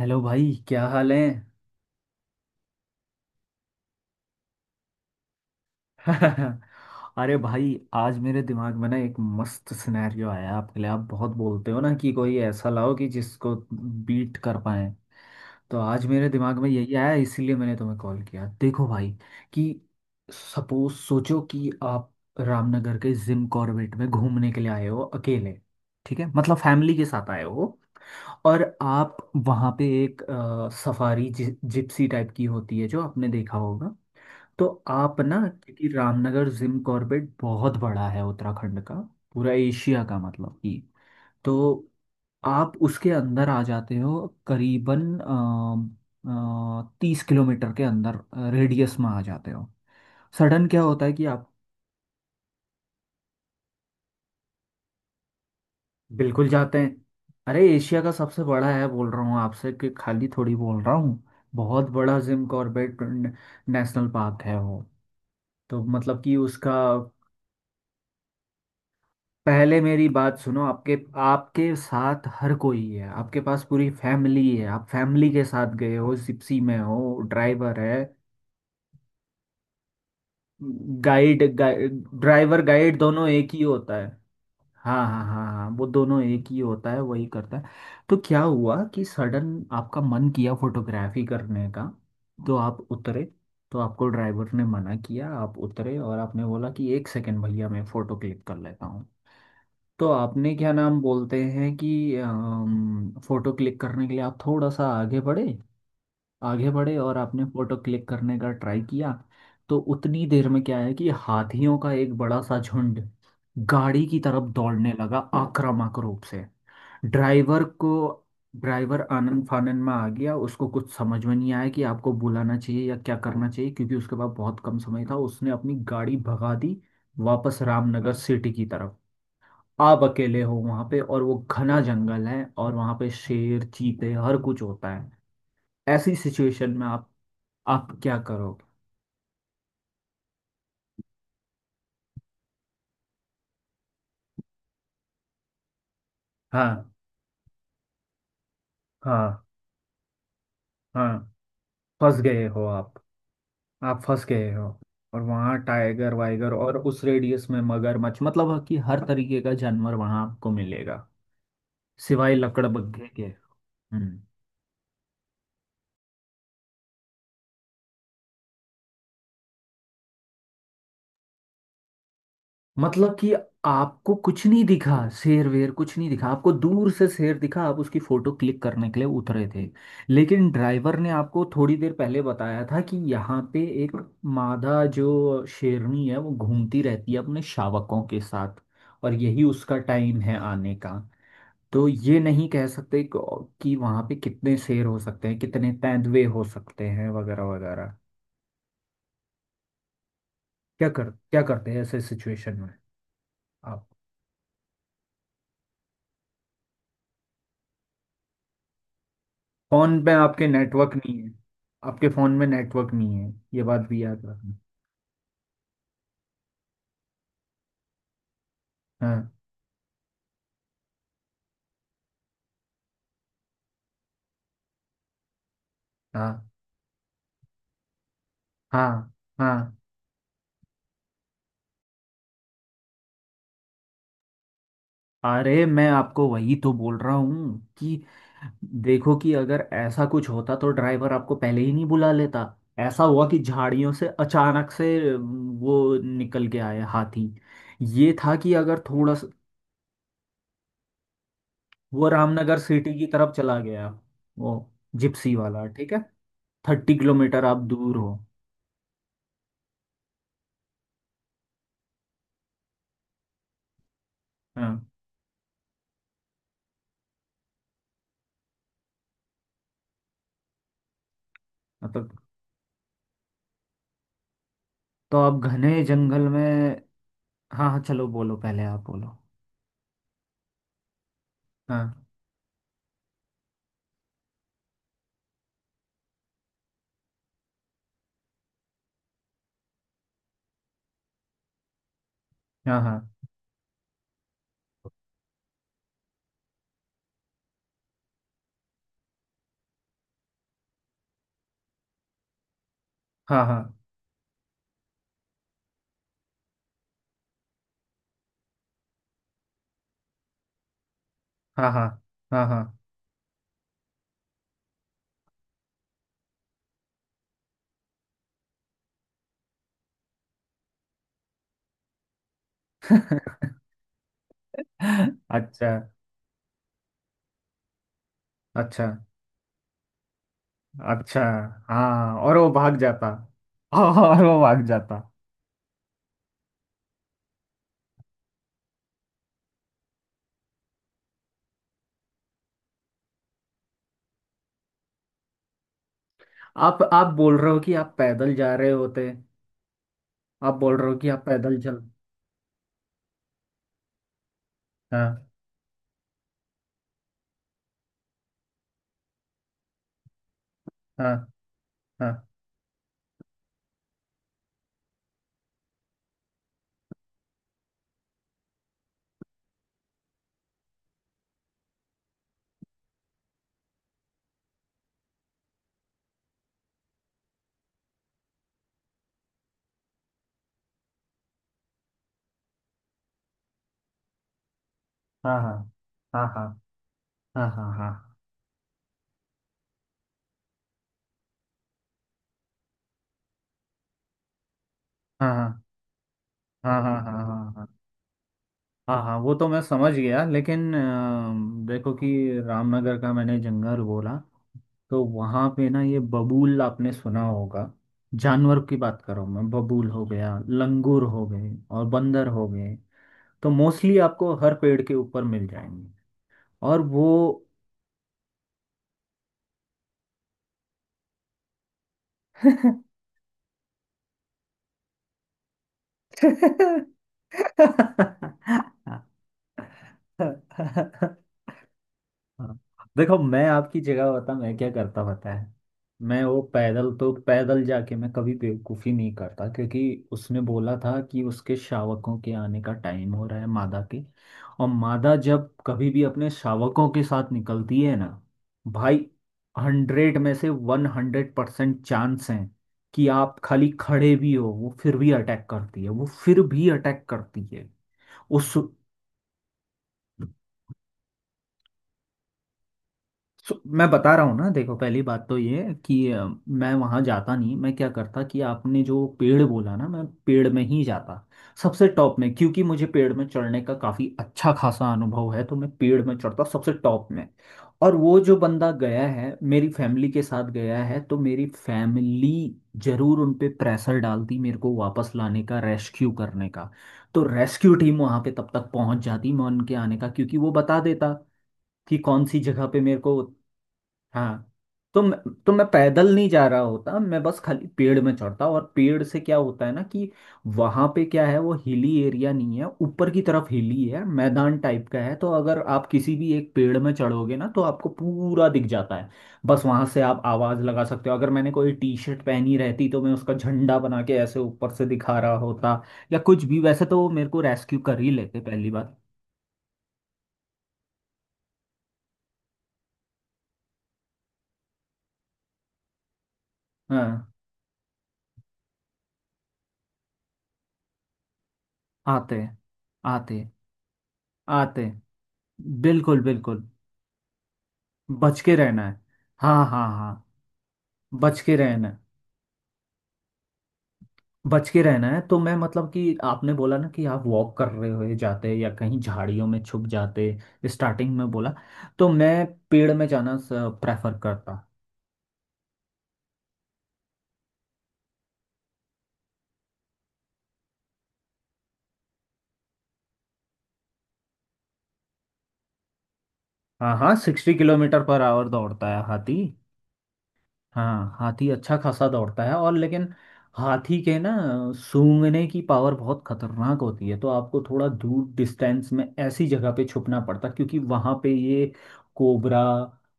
Hello भाई, क्या हाल है। अरे भाई, आज मेरे दिमाग में ना एक मस्त सिनेरियो आया आपके लिए। आप बहुत बोलते हो ना कि कोई ऐसा लाओ कि जिसको बीट कर पाए। तो आज मेरे दिमाग में यही आया, इसीलिए मैंने तुम्हें कॉल किया। देखो भाई कि सपोज सोचो कि आप रामनगर के जिम कॉर्बेट में घूमने के लिए आए हो अकेले। ठीक है, मतलब फैमिली के साथ आए हो। और आप वहाँ पे एक सफारी जिप्सी टाइप की होती है जो आपने देखा होगा। तो आप ना, क्योंकि रामनगर जिम कॉर्बेट बहुत बड़ा है उत्तराखंड का, पूरा एशिया का मतलब कि। तो आप उसके अंदर आ जाते हो, करीबन 30 किलोमीटर के अंदर, रेडियस में आ जाते हो। सडन क्या होता है कि आप बिल्कुल जाते हैं। अरे एशिया का सबसे बड़ा है बोल रहा हूँ आपसे, कि खाली थोड़ी बोल रहा हूँ। बहुत बड़ा जिम कॉर्बेट नेशनल पार्क है वो। तो मतलब कि उसका पहले मेरी बात सुनो। आपके आपके साथ हर कोई है, आपके पास पूरी फैमिली है, आप फैमिली के साथ गए हो, जिप्सी में हो, ड्राइवर है, गाइड गाइड ड्राइवर गाइड दोनों एक ही होता है। हाँ हाँ हाँ हाँ, वो दोनों एक ही होता है, वही करता है। तो क्या हुआ कि सडन आपका मन किया फोटोग्राफी करने का, तो आप उतरे। तो आपको ड्राइवर ने मना किया, आप उतरे और आपने बोला कि एक सेकंड भैया, मैं फोटो क्लिक कर लेता हूँ। तो आपने क्या नाम बोलते हैं कि फोटो क्लिक करने के लिए आप थोड़ा सा आगे बढ़े, आगे बढ़े और आपने फोटो क्लिक करने का ट्राई किया। तो उतनी देर में क्या है कि हाथियों का एक बड़ा सा झुंड गाड़ी की तरफ दौड़ने लगा आक्रामक रूप से। ड्राइवर को, ड्राइवर आनन फानन में आ गया, उसको कुछ समझ में नहीं आया कि आपको बुलाना चाहिए या क्या करना चाहिए, क्योंकि उसके पास बहुत कम समय था, उसने अपनी गाड़ी भगा दी वापस रामनगर सिटी की तरफ। आप अकेले हो वहां पे, और वो घना जंगल है, और वहां पे शेर चीते हर कुछ होता है। ऐसी सिचुएशन में आप क्या करोगे। हाँ हाँ हाँ। फंस गए हो आप फंस गए हो। और वहाँ टाइगर वाइगर और उस रेडियस में मगरमच्छ, मतलब कि हर तरीके का जानवर वहाँ आपको मिलेगा, सिवाय लकड़बग्घे के। हम्म। मतलब कि आपको कुछ नहीं दिखा। शेर वेर कुछ नहीं दिखा, आपको दूर से शेर दिखा, आप उसकी फोटो क्लिक करने के लिए उतरे थे। लेकिन ड्राइवर ने आपको थोड़ी देर पहले बताया था कि यहाँ पे एक मादा जो शेरनी है वो घूमती रहती है अपने शावकों के साथ, और यही उसका टाइम है आने का। तो ये नहीं कह सकते कि वहाँ पे कितने शेर हो सकते हैं, कितने तेंदुए हो सकते हैं, वगैरह वगैरह। क्या करते हैं ऐसे सिचुएशन में आप। फोन पे आपके नेटवर्क नहीं है, आपके फोन में नेटवर्क नहीं है, ये बात भी याद रखना। हाँ हाँ हाँ हाँ। अरे मैं आपको वही तो बोल रहा हूँ, कि देखो कि अगर ऐसा कुछ होता तो ड्राइवर आपको पहले ही नहीं बुला लेता। ऐसा हुआ कि झाड़ियों से अचानक से वो निकल के आया हाथी। ये था कि अगर थोड़ा सा वो रामनगर सिटी की तरफ चला गया, वो जिप्सी वाला, ठीक है। 30 किलोमीटर आप दूर हो। हाँ मतलब, तो आप घने जंगल में। हाँ हाँ, चलो बोलो, पहले आप बोलो। हाँ हाँ हाँ हाँ हाँ हाँ हाँ हाँ। हाँ। अच्छा अच्छा अच्छा। हाँ और वो भाग जाता, और वो भाग जाता। आप बोल रहे हो कि आप पैदल जा रहे होते। आप बोल रहे हो कि आप पैदल चल। हाँ हाँ हाँ हाँ हाँ हाँ हाँ हाँ हाँ हाँ हाँ हाँ हाँ हाँ हाँ हाँ हाँ हाँ। हाँ वो तो मैं समझ गया, लेकिन देखो कि रामनगर का मैंने जंगल बोला, तो वहाँ पे ना ये बबूल आपने सुना होगा। जानवर की बात कर रहा हूँ मैं, बबूल हो गया, लंगूर हो गए और बंदर हो गए, तो मोस्टली आपको हर पेड़ के ऊपर मिल जाएंगे। और वो हाँ। देखो मैं आपकी जगह होता मैं क्या करता पता है। मैं वो पैदल तो पैदल जाके मैं कभी बेवकूफ़ी नहीं करता, क्योंकि उसने बोला था कि उसके शावकों के आने का टाइम हो रहा है मादा के, और मादा जब कभी भी अपने शावकों के साथ निकलती है ना भाई, 100 में से 100% चांस है कि आप खाली खड़े भी हो वो फिर भी अटैक करती है, वो फिर भी अटैक करती है। उस सो मैं बता रहा हूँ ना, देखो पहली बात तो ये है कि मैं वहाँ जाता नहीं। मैं क्या करता कि आपने जो पेड़ बोला ना, मैं पेड़ में ही जाता सबसे टॉप में, क्योंकि मुझे पेड़ में चढ़ने का काफ़ी अच्छा खासा अनुभव है, तो मैं पेड़ में चढ़ता सबसे टॉप में। और वो जो बंदा गया है मेरी फैमिली के साथ गया है तो मेरी फैमिली जरूर उन पे प्रेशर डालती मेरे को वापस लाने का, रेस्क्यू करने का। तो रेस्क्यू टीम वहाँ पे तब तक पहुँच जाती, मैं उनके आने का, क्योंकि वो बता देता कि कौन सी जगह पे मेरे को। हाँ। तो मैं तो मैं पैदल नहीं जा रहा होता, मैं बस खाली पेड़ में चढ़ता। और पेड़ से क्या होता है ना कि वहां पे क्या है, वो हिली एरिया नहीं है, ऊपर की तरफ हिली है, मैदान टाइप का है, तो अगर आप किसी भी एक पेड़ में चढ़ोगे ना तो आपको पूरा दिख जाता है। बस वहां से आप आवाज लगा सकते हो, अगर मैंने कोई टी शर्ट पहनी रहती तो मैं उसका झंडा बना के ऐसे ऊपर से दिखा रहा होता, या कुछ भी, वैसे तो वो मेरे को रेस्क्यू कर ही लेते पहली बात। हाँ आते आते आते। बिल्कुल बिल्कुल, बच के रहना है। हाँ हाँ हाँ। बच के रहना है, बच के रहना है। तो मैं मतलब कि आपने बोला ना कि आप वॉक कर रहे हुए जाते या कहीं झाड़ियों में छुप जाते, स्टार्टिंग में बोला, तो मैं पेड़ में जाना प्रेफर करता। हाँ हाँ, 60 किलोमीटर पर आवर दौड़ता है हाथी। हाँ हाथी अच्छा खासा दौड़ता है, और लेकिन हाथी के ना सूंघने की पावर बहुत खतरनाक होती है, तो आपको थोड़ा दूर डिस्टेंस में ऐसी जगह पे छुपना पड़ता, क्योंकि वहां पे ये कोबरा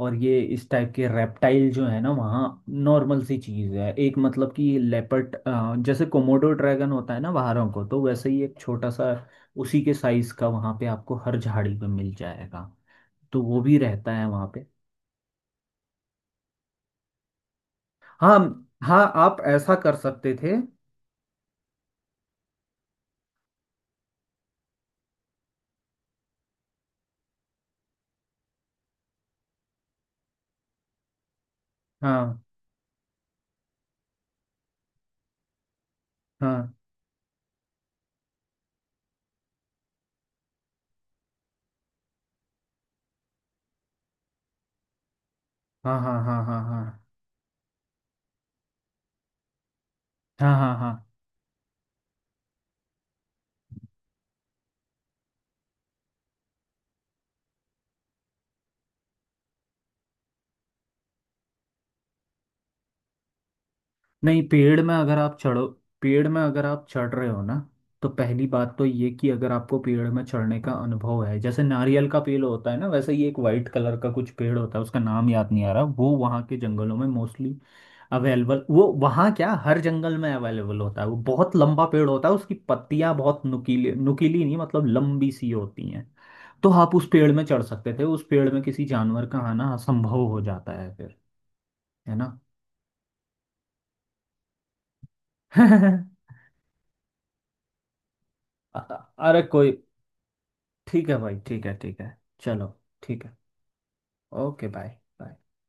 और ये इस टाइप के रेप्टाइल जो है ना वहाँ नॉर्मल सी चीज़ है, एक मतलब कि लेपर्ड जैसे कोमोडो ड्रैगन होता है ना बाहरों को, तो वैसे ही एक छोटा सा उसी के साइज का वहाँ पे आपको हर झाड़ी पे मिल जाएगा, तो वो भी रहता है वहाँ पे। हाँ हाँ, आप ऐसा कर सकते थे। हाँ हाँ हाँ हाँ हाँ हाँ हाँ हाँ हाँ हाँ हाँ हाँ। नहीं पेड़ में अगर आप चढ़ो, पेड़ में अगर आप चढ़ रहे हो ना, तो पहली बात तो ये कि अगर आपको पेड़ में चढ़ने का अनुभव है, जैसे नारियल का पेड़ होता है ना वैसे ही एक वाइट कलर का कुछ पेड़ होता है, उसका नाम याद नहीं आ रहा, वो वहाँ के जंगलों में मोस्टली अवेलेबल, वो वहाँ क्या हर जंगल में अवेलेबल होता है, वो बहुत लंबा पेड़ होता है, उसकी पत्तियाँ बहुत नुकीली, नुकीली नहीं मतलब लंबी सी होती हैं, तो आप उस पेड़ में चढ़ सकते थे, उस पेड़ में किसी जानवर का आना असंभव हो जाता है फिर, है ना। अ- अरे कोई, ठीक है भाई, ठीक है, ठीक है चलो, ठीक है, ओके बाय, बाय।